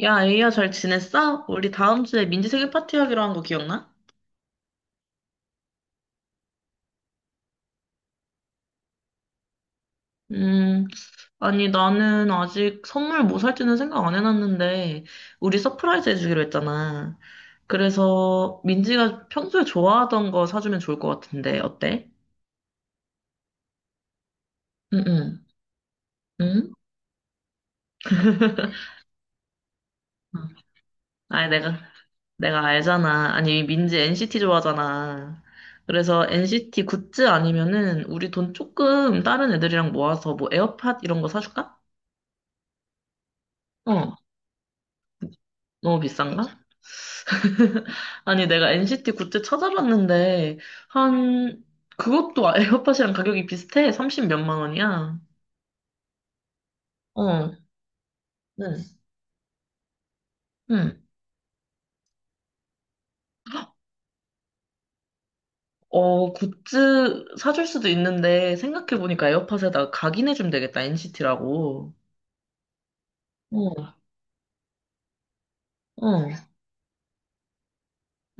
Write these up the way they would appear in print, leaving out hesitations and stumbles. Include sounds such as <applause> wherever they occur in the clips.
야, 에이야, 잘 지냈어? 우리 다음 주에 민지 생일 파티 하기로 한 거 기억나? 음, 아니, 나는 아직 선물 뭐 살지는 생각 안 해놨는데, 우리 서프라이즈 해주기로 했잖아. 그래서 민지가 평소에 좋아하던 거 사주면 좋을 것 같은데, 어때? 응, 응, 응? <laughs> 아니, 내가 알잖아. 아니, 민지 NCT 좋아하잖아. 그래서 NCT 굿즈 아니면은 우리 돈 조금 다른 애들이랑 모아서 뭐 에어팟 이런 거 사줄까? 어. 너무 비싼가? <laughs> 아니, 내가 NCT 굿즈 찾아봤는데, 한, 그것도 아, 에어팟이랑 가격이 비슷해. 30 몇만 원이야. 어, 응, 응. 어, 굿즈 사줄 수도 있는데, 생각해보니까 에어팟에다가 각인해주면 되겠다, NCT라고. 어, 어,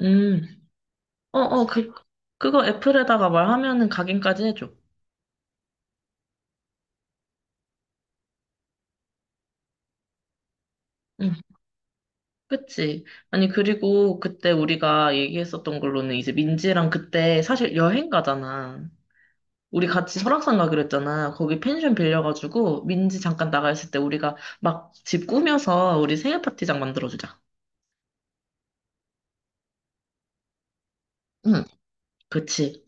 음. 어, 어, 그거 애플에다가 말하면은 각인까지 해줘. 응, 그치. 아니, 그리고 그때 우리가 얘기했었던 걸로는 이제 민지랑 그때 사실 여행 가잖아. 우리 같이 설악산 가기로 했잖아. 거기 펜션 빌려가지고 민지 잠깐 나가 있을 때 우리가 막 집 꾸며서 우리 생일 파티장 만들어주자. 응, 그치,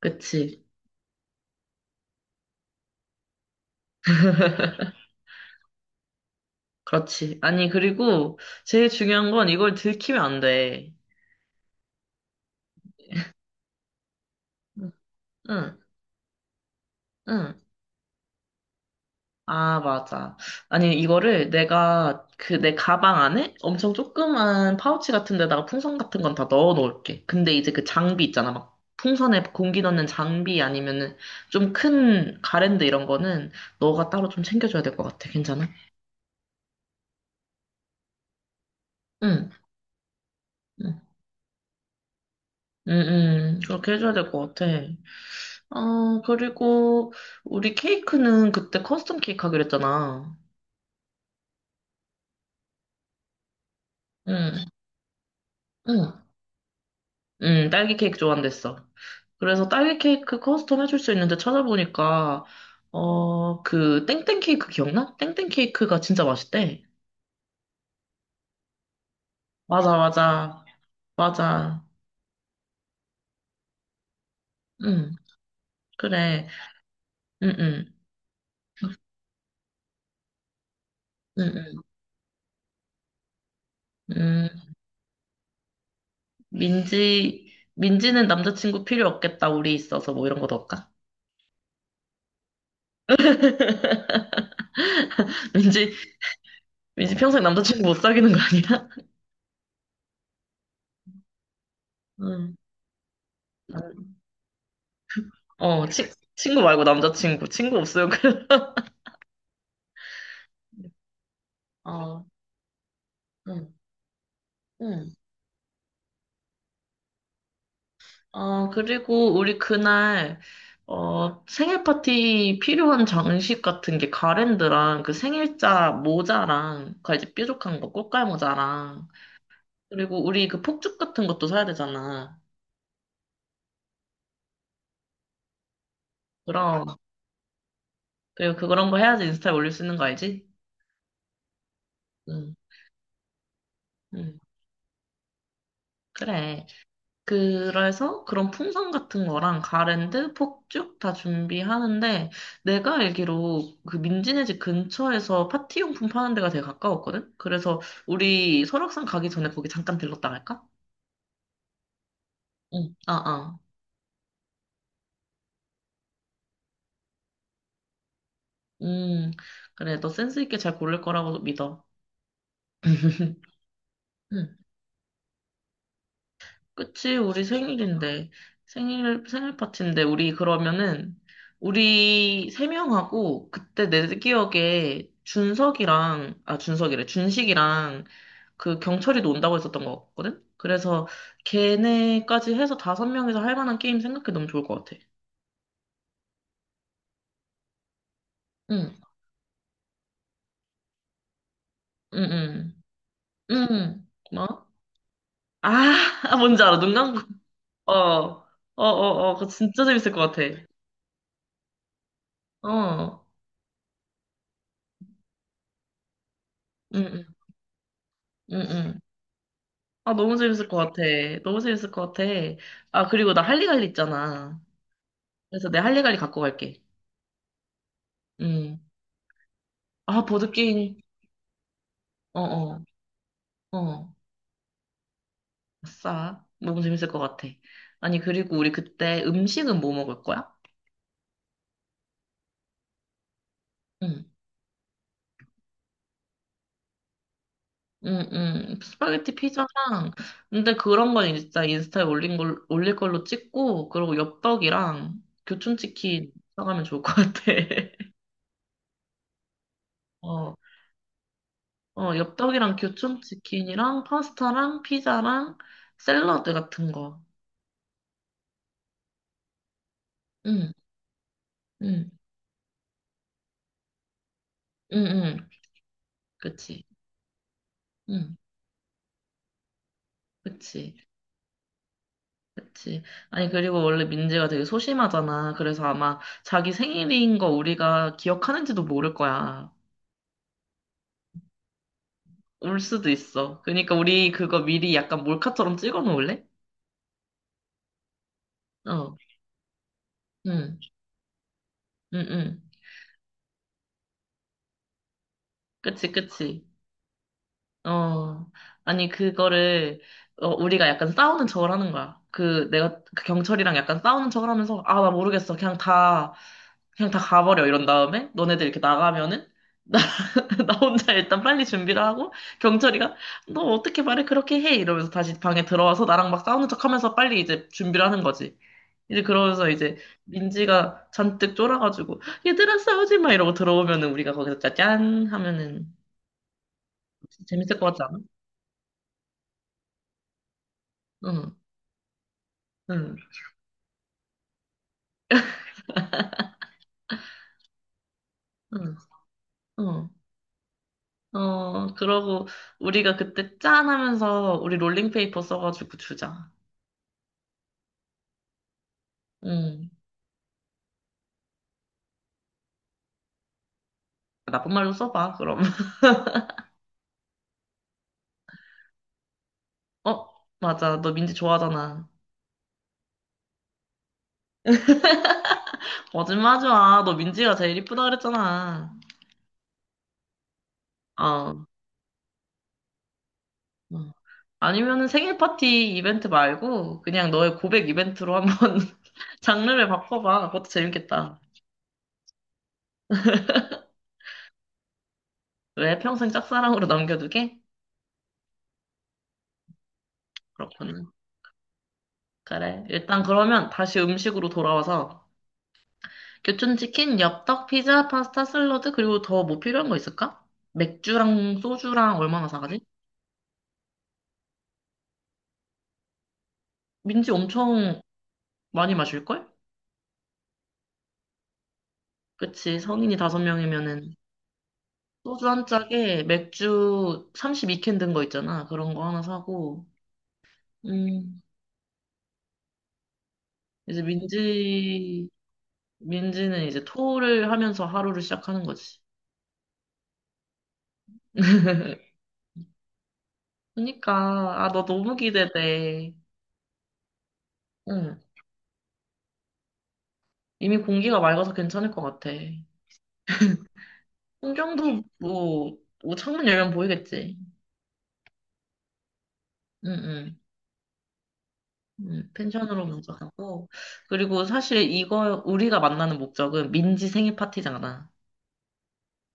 그치, 그렇지. 아니, 그리고 제일 중요한 건 이걸 들키면 안 돼. 응, 응. 아, 맞아. 아니, 이거를 내가 그 내 가방 안에 엄청 조그만 파우치 같은 데다가 풍선 같은 건 다 넣어 놓을게. 근데 이제 그 장비 있잖아. 막 풍선에 공기 넣는 장비 아니면은 좀 큰 가랜드 이런 거는 너가 따로 좀 챙겨줘야 될 것 같아. 괜찮아? 응, 응, 응, 응. 그렇게 해줘야 될 것 같아. 어, 그리고 우리 케이크는 그때 커스텀 케이크 하기로 했잖아. 응, 응. 딸기 케이크 좋아한댔어. 그래서 딸기 케이크 커스텀 해줄 수 있는데 찾아보니까, 어, 그, 땡땡 케이크 기억나? 땡땡 케이크가 진짜 맛있대. 맞아, 맞아, 맞아. 응, 그래. 응, 응, 응, 응. 응. 민지는 남자친구 필요 없겠다, 우리 있어서 뭐 이런 거 넣을까? <laughs> 민지, 민지 평생 남자친구 못 사귀는 거 아니야? 응. 어, 친구 말고 남자친구. 친구 없어요, 그래. 어, 응, 응. 어, 그리고 우리 그날, 어, 생일 파티 필요한 장식 같은 게 가랜드랑 그 생일자 모자랑, 그 이제 뾰족한 거, 꽃갈 모자랑, 그리고 우리 그 폭죽 같은 것도 사야 되잖아. 그럼, 그리고 그런 거 해야지 인스타에 올릴 수 있는 거 알지? 응, 응. 그래. 그래서 그런 풍선 같은 거랑 가랜드, 폭죽 다 준비하는데 내가 알기로 그 민지네 집 근처에서 파티용품 파는 데가 되게 가까웠거든? 그래서 우리 설악산 가기 전에 거기 잠깐 들렀다 갈까? 응, 아, 아. 음, 그래, 너 센스 있게 잘 고를 거라고 믿어. <laughs> 응. 그치, 우리 생일인데. 생일 파티인데, 우리 그러면은, 우리 세 명하고, 그때 내 기억에 준석이랑, 아, 준석이래, 준식이랑, 그 경철이도 온다고 했었던 것 같거든? 그래서 걔네까지 해서 다섯 명이서 할 만한 게임 생각해 너무 좋을 것 같아. 응, 응, 응, 응, 뭐? 아, <laughs> 뭔지 알아, 눈 감고. 어, 어, 어, 어, 그거 진짜 재밌을 것 같아. 어, 응, 응, 응, 응. 아, 너무 재밌을 것 같아. 너무 재밌을 것 같아. 아, 그리고 나 할리갈리 있잖아. 그래서 내 할리갈리 갖고 갈게. 응. 아, 보드게임. 어, 어, 어. 아싸. 너무 재밌을 것 같아. 아니, 그리고 우리 그때 음식은 뭐 먹을 거야? 응. 응, 응. 스파게티 피자랑. 근데 그런 건 진짜 인스타에 올린 걸, 올릴 걸로 찍고, 그리고 엽떡이랑 교촌치킨 사가면 좋을 것 같아. <laughs> 어. 어, 엽떡이랑 교촌치킨이랑 파스타랑 피자랑 샐러드 같은 거. 응, 응, 응, 응. 그치. 응, 그치. 그치. 아니, 그리고 원래 민지가 되게 소심하잖아. 그래서 아마 자기 생일인 거 우리가 기억하는지도 모를 거야. 울 수도 있어. 그러니까 우리 그거 미리 약간 몰카처럼 찍어 놓을래? 어, 응, 응, 응. 그치, 그치. 어, 아니, 그거를, 어, 우리가 약간 싸우는 척을 하는 거야. 그, 내가, 그 경찰이랑 약간 싸우는 척을 하면서, 아, 나 모르겠어. 그냥 다, 그냥 다 가버려. 이런 다음에, 너네들 이렇게 나가면은, <laughs> 나, 나 혼자 일단 빨리 준비를 하고, 경찰이가, 너 어떻게 말을 그렇게 해? 이러면서 다시 방에 들어와서 나랑 막 싸우는 척 하면서 빨리 이제 준비를 하는 거지. 이제 그러면서 이제 민지가 잔뜩 쫄아가지고, 얘들아 싸우지 마! 이러고 들어오면은 우리가 거기서 짜잔! 하면은, 재밌을 것 같지 않아? 응. 응. 응, 응. 어, 그러고 우리가 그때 짠 하면서 우리 롤링페이퍼 써가지고 주자. 응. 나쁜 말로 써봐, 그럼. <laughs> 어, 맞아. 너 민지 좋아하잖아. 거짓말하지 마. 너 민지가 제일 이쁘다 그랬잖아. 어. 어. 아니면은 생일 파티 이벤트 말고 그냥 너의 고백 이벤트로 한번 <laughs> 장르를 바꿔봐. 그것도 재밌겠다. 왜 평생 짝사랑으로 남겨두게? 그렇구나. 그래. 일단 그러면 다시 음식으로 돌아와서 교촌치킨, 엽떡, 피자, 파스타, 샐러드, 그리고 더 뭐 필요한 거 있을까? 맥주랑 소주랑 얼마나 사가지? 민지 엄청 많이 마실걸? 그치, 성인이 다섯 명이면은 소주 한 짝에 맥주 32캔 든 거 있잖아. 그런 거 하나 사고, 음, 이제 민지, 민지는 이제 토를 하면서 하루를 시작하는 거지. <laughs> 그니까, 너 너무 기대돼. 응, 이미 공기가 맑아서 괜찮을 것 같아. 통정도 뭐, 뭐 창문 열면 보이겠지. 응응. 펜션으로 먼저 가고 그리고 사실 이거 우리가 만나는 목적은 민지 생일 파티잖아.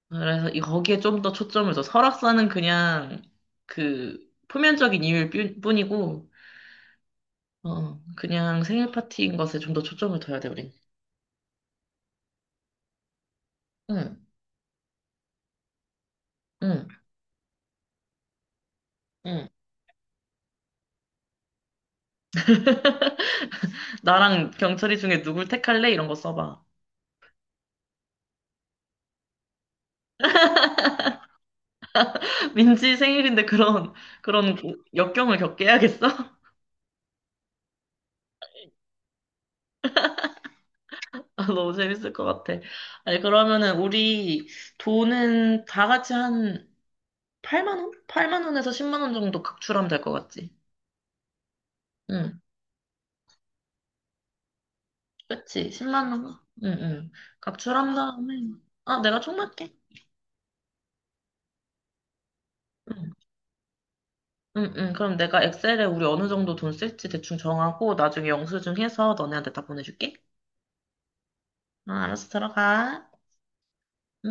그래서 이 거기에 좀 더 초점을 둬. 설악산은 그냥 그 표면적인 이유일 뿐이고 어 그냥 생일 파티인 것에 좀 더 초점을 둬야 돼 우린. 응. 응. 응. <laughs> 나랑 경철이 중에 누굴 택할래? 이런 거 써봐. <laughs> 민지 생일인데 그런, 그런 역경을 겪게 해야겠어? <laughs> 아, 너무 재밌을 것 같아. 아니, 그러면은 우리 돈은 다 같이 한 8만 원? 8만 원에서 10만 원 정도 각출하면 될 것 같지? 응, 그치. 10만 원. 응, 응. 각출한 다음에. 아, 내가 총맞게. 응, 응, 응. 그럼 내가 엑셀에 우리 어느 정도 돈 쓸지 대충 정하고 나중에 영수증 해서 너네한테 다 보내줄게. 아, 알았어. 들어가.